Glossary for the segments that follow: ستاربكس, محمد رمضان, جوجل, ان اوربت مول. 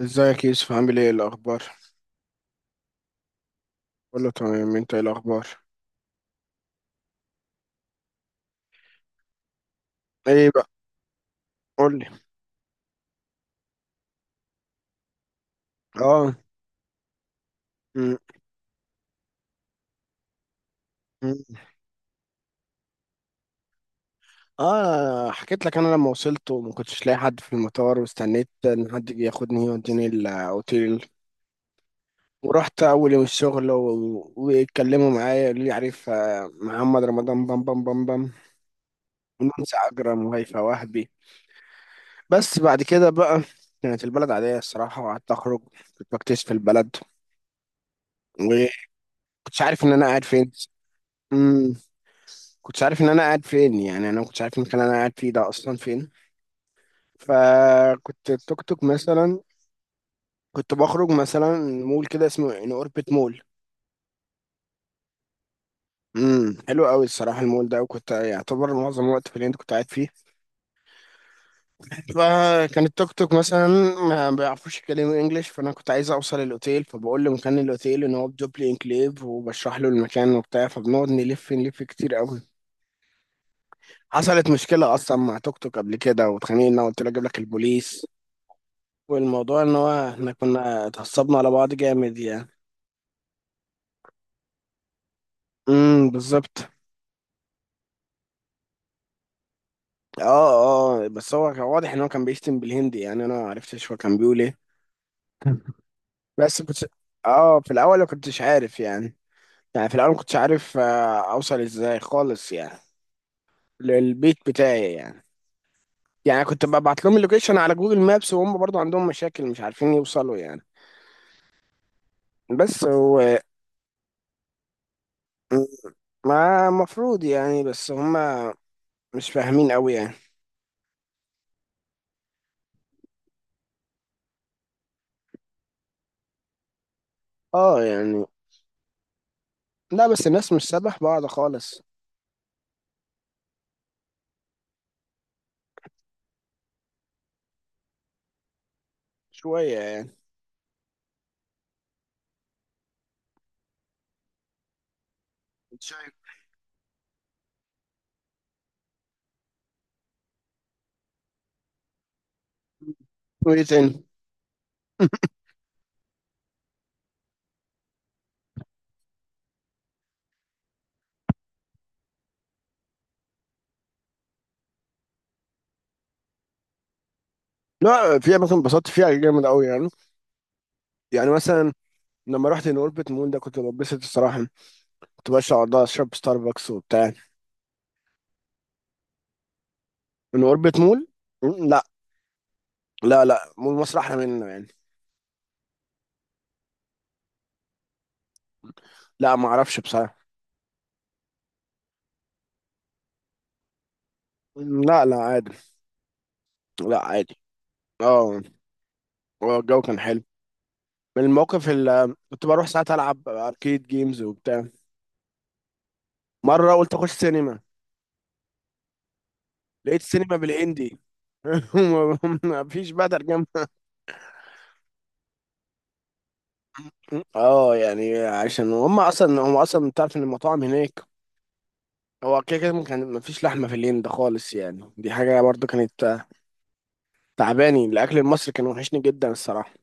ازيك يا يوسف، عامل ايه الاخبار؟ كله تمام، انت ايه الاخبار؟ ايه بقى؟ قول لي. اه. م- م. اه، حكيت لك انا لما وصلت وما كنتش لاقي حد في المطار، واستنيت ان حد يجي ياخدني يوديني الاوتيل. ورحت اول يوم الشغل واتكلموا معايا، قالوا لي عارف، محمد رمضان بام بام بام بام، ونانسي عجرم وهيفاء وهبي. بس بعد كده بقى، كانت البلد عادية الصراحة، وقعدت أخرج، كنت بكتشف البلد، وكنتش عارف إن أنا قاعد فين. كنتش عارف ان انا قاعد فين، يعني انا ما كنتش عارف المكان اللي انا قاعد فيه ده اصلا فين. فكنت التوك توك مثلا، كنت بخرج مثلا مول كده اسمه ان اوربت مول. حلو قوي الصراحه المول ده، وكنت يعتبر معظم الوقت في اللي انت كنت قاعد فيه. فكان التوك توك مثلا ما بيعرفوش يتكلموا انجلش، فانا كنت عايز اوصل الاوتيل، فبقول لمكان الاوتيل ان هو بدوبلي انكليف، وبشرح له المكان وبتاع، فبنقعد نلف نلف كتير قوي. حصلت مشكله اصلا مع توك توك قبل كده واتخانقنا، قلت له اجيب لك البوليس، والموضوع ان هو احنا كنا اتعصبنا على بعض جامد يعني. امم، بالظبط. اه، اه، بس هو كان واضح ان هو كان بيشتم بالهندي، يعني انا ما عرفتش هو كان بيقول ايه. بس كنت، اه في الاول ما كنتش عارف يعني، يعني في الاول ما كنتش عارف، اوصل ازاي خالص يعني، للبيت بتاعي يعني. يعني كنت ببعت لهم اللوكيشن على جوجل مابس، وهم برضو عندهم مشاكل مش عارفين يوصلوا يعني. بس هو، ما المفروض يعني، بس هم مش فاهمين قوي يعني. اه يعني، لا بس الناس مش سبح بعض خالص، شوية يعني. انت شايف؟ وايه تاني؟ لا، في اماكن انبسطت فيها جامد قوي يعني، يعني مثلا لما رحت ان اوربت مول ده كنت بتبسط الصراحة، كنت بشرب على اشرب ستاربكس وبتاع. ان اوربت مول، لا. لا، لا، مول مصر احلى منه يعني. لا، ما اعرفش بصراحة. لا، لا، عادي. لا، عادي. اه، هو الجو كان حلو. من الموقف اللي كنت بروح ساعات العب اركيد جيمز وبتاع. مرة قلت اخش سينما، لقيت سينما بالهندي. ما فيش بقى ترجمة. اه يعني عشان هم اصلا بتعرف ان المطاعم هناك، هو كده كده كان ما فيش لحمة في الهند خالص يعني، دي حاجة برضو كانت تعباني. الاكل المصري كان وحشني جدا الصراحة.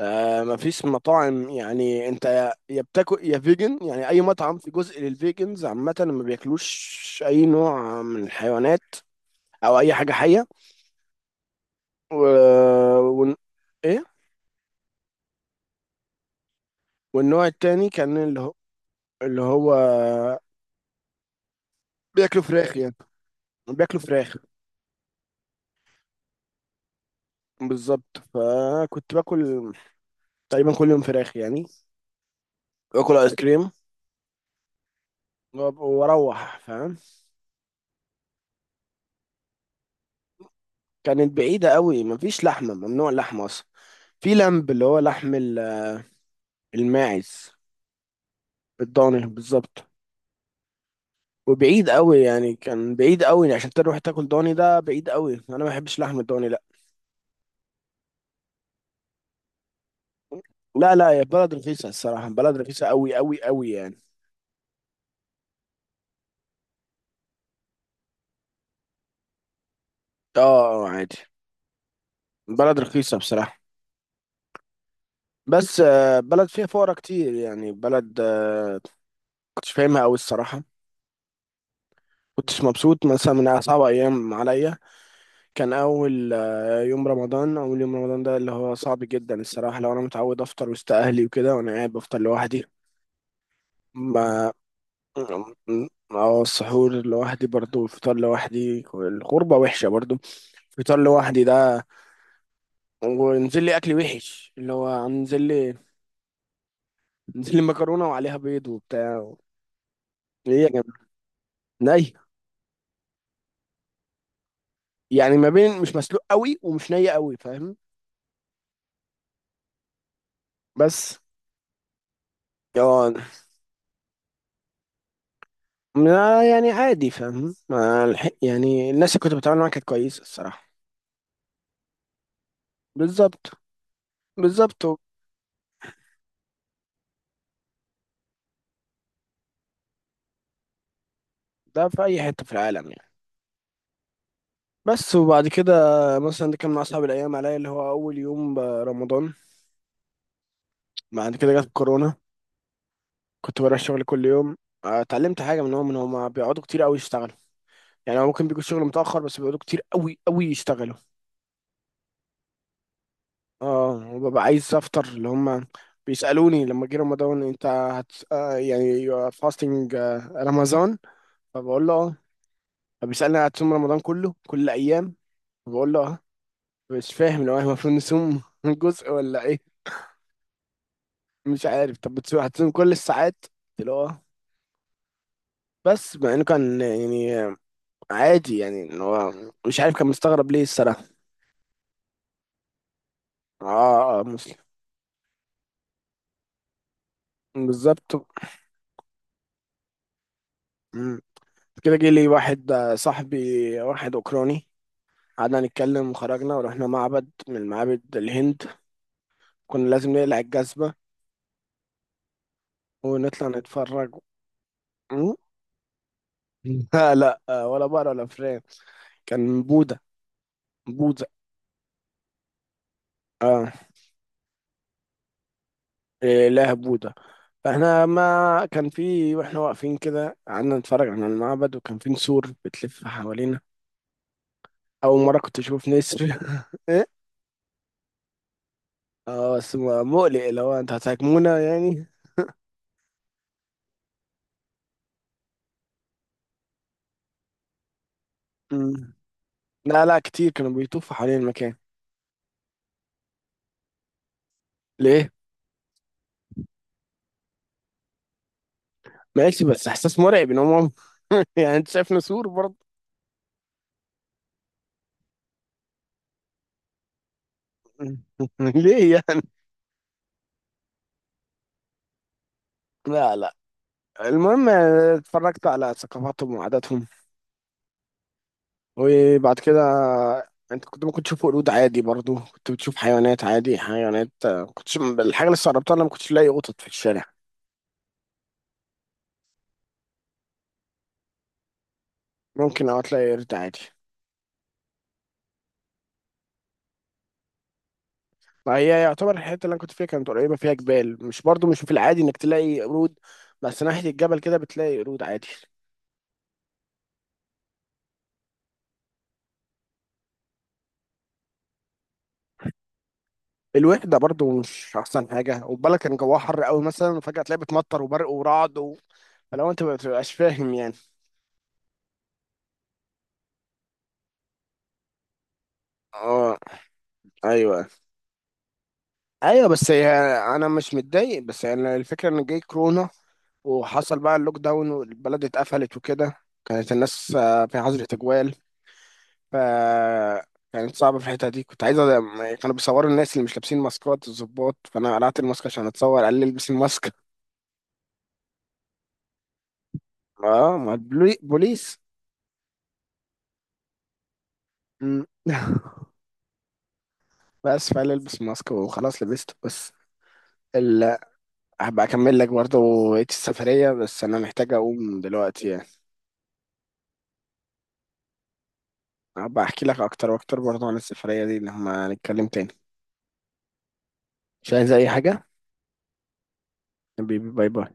آه ما فيش مطاعم يعني، انت يا بتاكل يا فيجن يعني. اي مطعم في جزء للفيجنز، عامة ما بياكلوش اي نوع من الحيوانات او اي حاجة حية و... ون... ايه، والنوع التاني كان اللي هو بياكلوا فراخ يعني. بياكلوا فراخ بالظبط. فكنت باكل تقريبا كل يوم فراخ يعني، باكل ايس كريم، واروح فاهم. كانت بعيدة قوي، مفيش لحمة، ممنوع اللحمة اصلا. في لمب اللي هو لحم الماعز. الضاني بالظبط. وبعيد قوي يعني، كان بعيد قوي عشان تروح تاكل ضاني، ده بعيد قوي، انا ما بحبش لحم الضاني، لا. لا، لا، يا بلد رخيصة الصراحة، بلد رخيصة قوي قوي قوي يعني. اه، عادي، بلد رخيصة بصراحة. بس بلد فيها فقرا كتير يعني، بلد كنتش فاهمها أوي الصراحة. كنتش مبسوط، مثلا من أصعب أيام عليا كان أول يوم رمضان. أول يوم رمضان ده اللي هو صعب جدا الصراحة، لو أنا متعود أفطر وسط أهلي وكده، وأنا قاعد بفطر لوحدي. ما اه، السحور لوحدي برضو، والفطار لوحدي، الغربة وحشة برضو. فطار لوحدي ده، ونزل لي أكل وحش اللي هو نزل لي مكرونة وعليها بيض وبتاع. ايه يا جماعة؟ يعني ما بين مش مسلوق قوي ومش ني قوي، فاهم؟ بس، اه. يعني عادي فاهم، ما الح- يعني الناس اللي كنت بتعامل معاها كانت كويسة الصراحة. بالظبط، بالظبط. ده في أي حتة في العالم يعني. بس، وبعد كده مثلا ده كان من أصعب الأيام عليا اللي هو أول يوم برمضان. بعد كده جت كورونا، كنت بروح الشغل كل يوم. اتعلمت حاجة منهم إن هما بيقعدوا كتير قوي يشتغلوا، يعني هو ممكن بيجوا الشغل متأخر، بس بيقعدوا كتير قوي قوي يشتغلوا. اه، وببقى عايز افطر، اللي هم بيسالوني لما جه رمضان، انت هت يعني، فاستنج رمضان، فبقول له اه. فبيسالني هتصوم رمضان كله كل الايام؟ فبقول له اه. مش فاهم لو احنا المفروض نصوم جزء ولا ايه؟ مش عارف، طب بتصوم، هتصوم كل الساعات؟ قلت له اه. بس مع انه كان يعني عادي، يعني ان هو، مش عارف، كان مستغرب ليه الصراحه. اه، اه، مسلم. بالظبط. مم. كده جه لي واحد صاحبي، واحد اوكراني. قعدنا نتكلم وخرجنا ورحنا معبد من معابد الهند، كنا لازم نقلع الجزمة ونطلع نتفرج. م؟ لا، لا، ولا بقرة ولا فران. كان بوذا. بوذا. اه، إله بوذا. فاحنا ما كان في، واحنا واقفين كده قعدنا نتفرج على المعبد، وكان في نسور بتلف حوالينا. أول مرة كنت أشوف نسر. إيه؟ اه، بس مقلق اللي هو انت هتهاجمونا يعني. م. لا، لا، كتير كانوا بيطوفوا حوالين المكان. ليه؟ ماشي، بس احساس مرعب ان هم. يعني انت شايف نسور برضه. ليه يعني؟ لا، لا. المهم، اتفرجت على ثقافاتهم وعاداتهم. وبعد كده، انت كنت ممكن تشوف قرود عادي، برضو كنت بتشوف حيوانات عادي، حيوانات. كنت الحاجه اللي استغربتها انا ما كنتش الاقي قطط في الشارع. ممكن اه تلاقي قرد عادي. ما هي يعتبر الحته اللي انا كنت فيها كانت قريبه فيها جبال، مش برضو مش في العادي انك تلاقي قرود، بس ناحيه الجبل كده بتلاقي قرود عادي. الوحدة برضو مش أحسن حاجة، وبالك كان جواها حر قوي مثلا، وفجأة تلاقي بتمطر وبرق ورعد فلو أنت ما بتبقاش فاهم يعني. اه، أيوه، أيوه، بس هي، أنا مش متضايق، بس يعني الفكرة إن جاي كورونا، وحصل بقى اللوك داون والبلد اتقفلت وكده. كانت الناس في حظر تجوال. ف كانت صعبة في الحتة دي، كنت عايز كانوا بيصوروا الناس اللي مش لابسين ماسكات الضباط، فأنا قلعت الماسك عشان أتصور، قال لي البس الماسك. اه ما بوليس. مم. بس فعلا البس ماسك وخلاص لبسته، بس ال... هبقى اكمل لك برضه بقية السفرية، بس انا محتاج اقوم دلوقتي يعني. هبقى احكي لك اكتر واكتر برضه عن السفرية دي لما نتكلم تاني. مش عايز اي حاجة. حبيبي، باي باي.